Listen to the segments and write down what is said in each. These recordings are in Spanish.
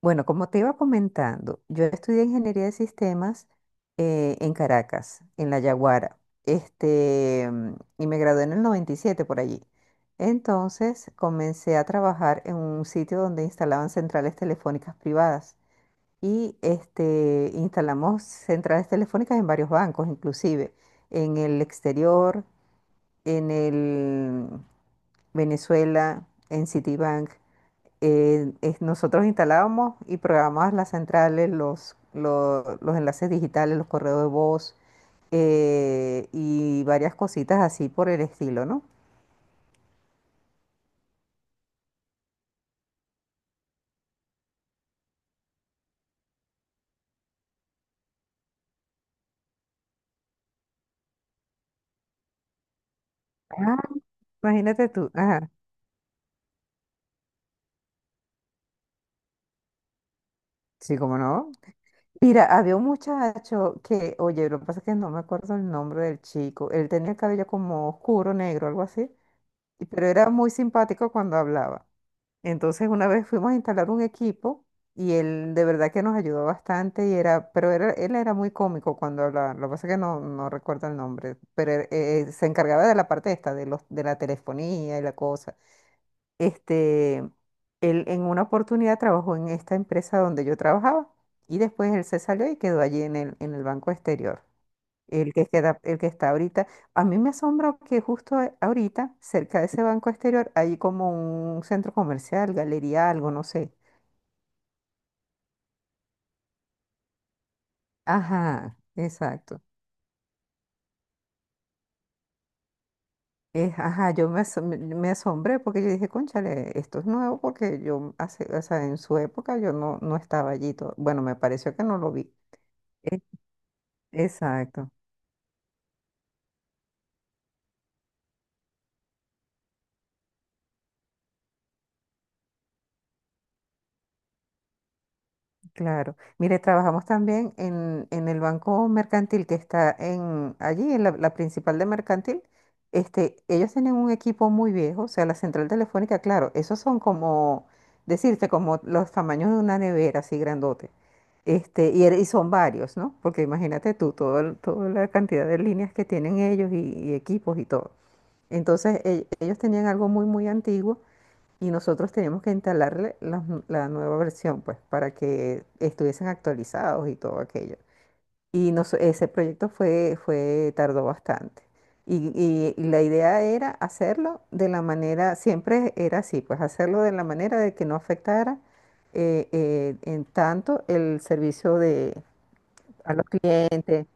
Bueno, como te iba comentando, yo estudié ingeniería de sistemas en Caracas, en La Yaguara, y me gradué en el 97 por allí. Entonces comencé a trabajar en un sitio donde instalaban centrales telefónicas privadas y instalamos centrales telefónicas en varios bancos, inclusive en el exterior, en el Venezuela, en Citibank. Nosotros instalábamos y programábamos las centrales, los enlaces digitales, los correos de voz y varias cositas así por el estilo, ¿no? Ah, imagínate tú. Ajá. Sí, cómo no. Mira, había un muchacho que, oye, lo que pasa es que no me acuerdo el nombre del chico. Él tenía el cabello como oscuro, negro, algo así, pero era muy simpático cuando hablaba. Entonces una vez fuimos a instalar un equipo y él de verdad que nos ayudó bastante y era, él era muy cómico cuando hablaba, lo que pasa es que no recuerdo el nombre, pero él, se encargaba de la parte esta, de los, de la telefonía y la cosa. Este, él en una oportunidad trabajó en esta empresa donde yo trabajaba y después él se salió y quedó allí en el Banco Exterior, el que queda, el que está ahorita. A mí me asombra que justo ahorita, cerca de ese banco exterior, hay como un centro comercial, galería, algo, no sé. Ajá, exacto. Es, ajá, yo me, asom- me me asombré porque yo dije, cónchale, esto es nuevo porque yo hace, o sea, en su época yo no estaba allí todo. Bueno, me pareció que no lo vi. E- Exacto. Claro. Mire, trabajamos también en el Banco Mercantil que está en allí, la principal de Mercantil. Este, ellos tienen un equipo muy viejo, o sea, la central telefónica, claro, esos son como, decirte, como los tamaños de una nevera, así grandote. Y, y son varios, ¿no? Porque imagínate tú, todo, toda la cantidad de líneas que tienen ellos y equipos y todo. Entonces, ellos tenían algo muy, muy antiguo y nosotros teníamos que instalarle la nueva versión, pues, para que estuviesen actualizados y todo aquello. Ese proyecto fue, tardó bastante. La idea era hacerlo de la manera, siempre era así, pues hacerlo de la manera de que no afectara en tanto el servicio de, a los clientes.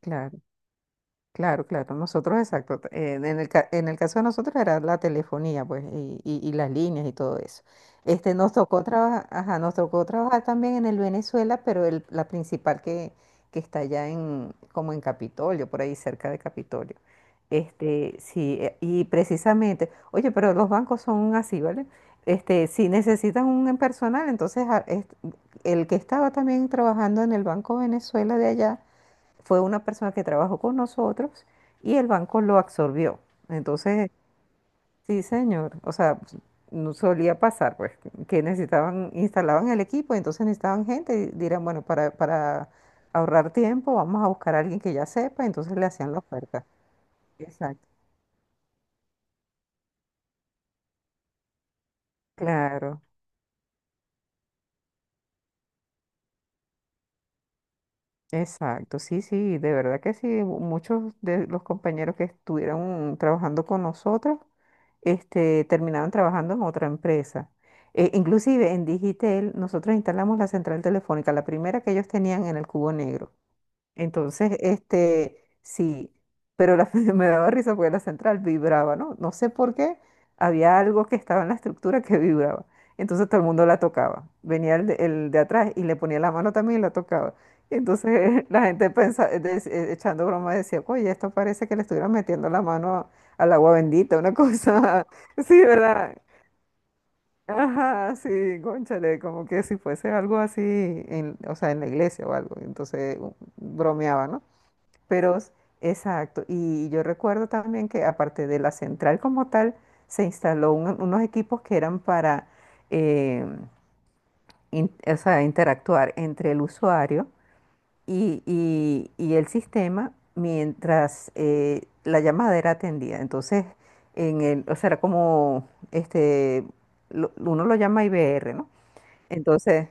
Claro. Claro, nosotros exacto. En el, en el caso de nosotros era la telefonía, pues, y las líneas y todo eso. Este, nos tocó trabajar, ajá, nos tocó trabajar también en el Venezuela, pero la principal que está allá en, como en Capitolio, por ahí cerca de Capitolio. Este, sí, y precisamente, oye, pero los bancos son así, ¿vale? Este, si necesitan un personal, entonces el que estaba también trabajando en el Banco Venezuela de allá fue una persona que trabajó con nosotros y el banco lo absorbió. Entonces, sí, señor, o sea, no solía pasar, pues, que necesitaban, instalaban el equipo, entonces necesitaban gente y dirán, bueno, para ahorrar tiempo, vamos a buscar a alguien que ya sepa, entonces le hacían la oferta. Exacto. Claro, exacto, sí, sí, de verdad que sí, muchos de los compañeros que estuvieron trabajando con nosotros este, terminaron trabajando en otra empresa. Inclusive en Digitel nosotros instalamos la central telefónica, la primera que ellos tenían en el Cubo Negro. Entonces, este, sí, pero la, me daba risa porque la central vibraba, ¿no? No sé por qué, había algo que estaba en la estructura que vibraba. Entonces todo el mundo la tocaba. Venía el de atrás y le ponía la mano también y la tocaba. Entonces la gente pensa, echando broma decía, oye, esto parece que le estuvieran metiendo la mano al agua bendita, una cosa, sí, ¿verdad? Ajá, sí, cónchale, como que si fuese algo así, en, o sea, en la iglesia o algo. Entonces bromeaba, ¿no? Pero, exacto. Y yo recuerdo también que aparte de la central como tal, se instaló unos equipos que eran para eh, o sea, interactuar entre el usuario y el sistema mientras la llamada era atendida. Entonces, en el, o sea, era como este, uno lo llama IVR, ¿no? Entonces,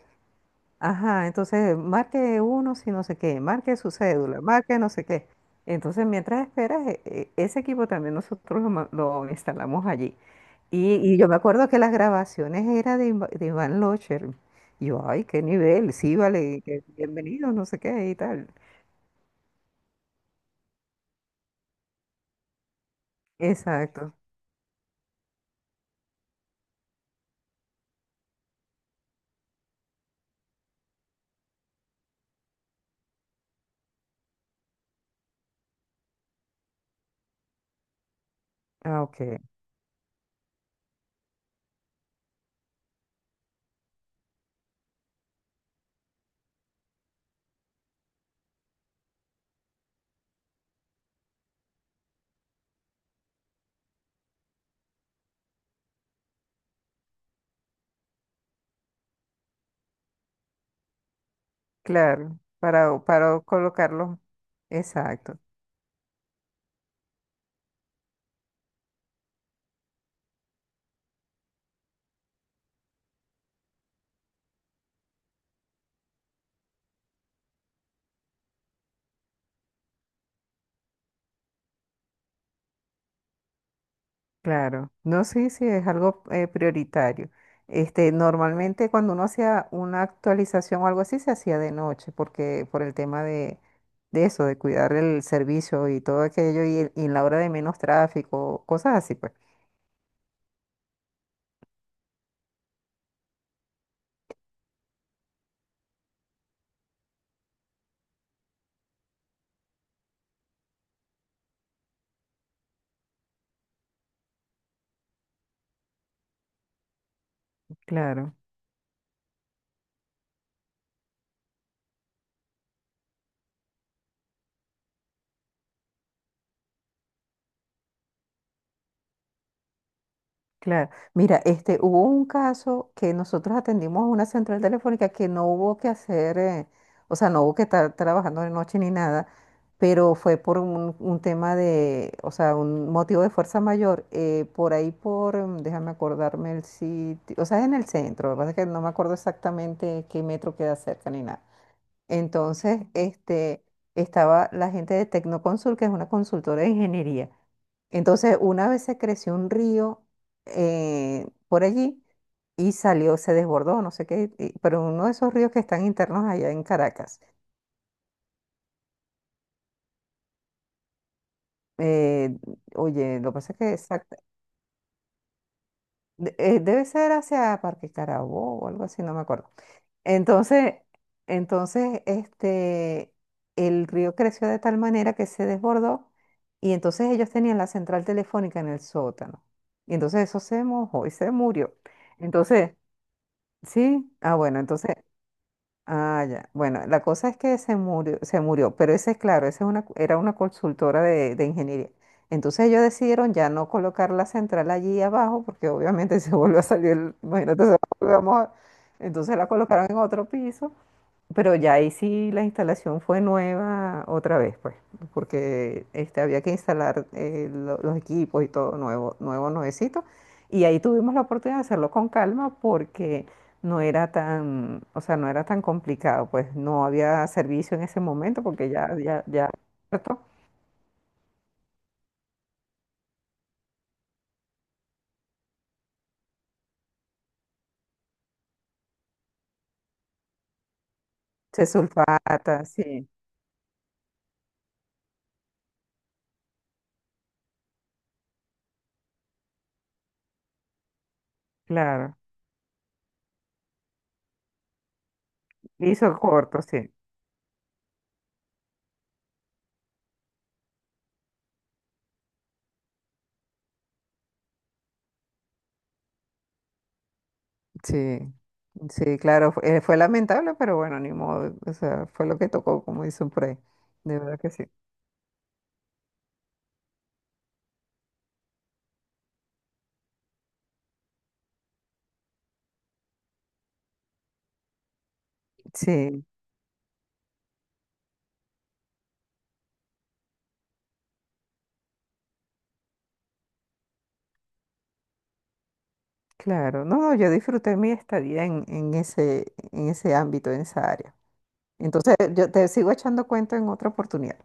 ajá, entonces marque uno si no sé qué, marque su cédula, marque no sé qué. Entonces, mientras esperas, ese equipo también nosotros lo, lo instalamos allí. Y yo me acuerdo que las grabaciones eran de, de Iván Locher. Y yo, ay, qué nivel, sí, vale, que bienvenido, no sé qué y tal. Exacto. Ah, ok. Claro, para colocarlo. Exacto. Claro, no, sí, sí, es algo prioritario. Este, normalmente cuando uno hacía una actualización o algo así, se hacía de noche, porque por el tema de eso, de cuidar el servicio y todo aquello, y, y en la hora de menos tráfico, cosas así, pues. Claro. Claro, mira, este, hubo un caso que nosotros atendimos a una central telefónica que no hubo que hacer, o sea, no hubo que estar trabajando de noche ni nada, pero fue por un tema de, o sea, un motivo de fuerza mayor, por ahí por, déjame acordarme el sitio, o sea, es en el centro, lo que pasa es que no me acuerdo exactamente qué metro queda cerca ni nada. Entonces, este, estaba la gente de Tecnoconsul, que es una consultora de ingeniería. Entonces, una vez se creció un río por allí y salió, se desbordó, no sé qué, pero uno de esos ríos que están internos allá en Caracas. Eh, Oye, lo que pasa es que debe ser hacia Parque Carabobo o algo así, no me acuerdo. Entonces, entonces, este, el río creció de tal manera que se desbordó y entonces ellos tenían la central telefónica en el sótano. Y entonces eso se mojó y se murió. Entonces, sí, ah, bueno, entonces, ah, ya. Bueno, la cosa es que se murió, pero ese es claro, esa es una, era una consultora de ingeniería. Entonces ellos decidieron ya no colocar la central allí abajo, porque obviamente se volvió a salir, imagínate, se volvió a mojar. Entonces la colocaron en otro piso, pero ya ahí sí la instalación fue nueva otra vez, pues, porque este, había que instalar los equipos y todo nuevo, nuevo, nuevecito. Y ahí tuvimos la oportunidad de hacerlo con calma porque no era tan, o sea, no era tan complicado, pues no había servicio en ese momento porque ya, ya, ya, ¿cierto? Se sulfata, sí, claro. Hizo corto, sí. Sí, sí, claro, fue, fue lamentable, pero bueno, ni modo, o sea, fue lo que tocó, como dicen por ahí. De verdad que sí. Sí, claro. No, no, yo disfruté mi estadía en ese ámbito, en esa área. Entonces, yo te sigo echando cuento en otra oportunidad.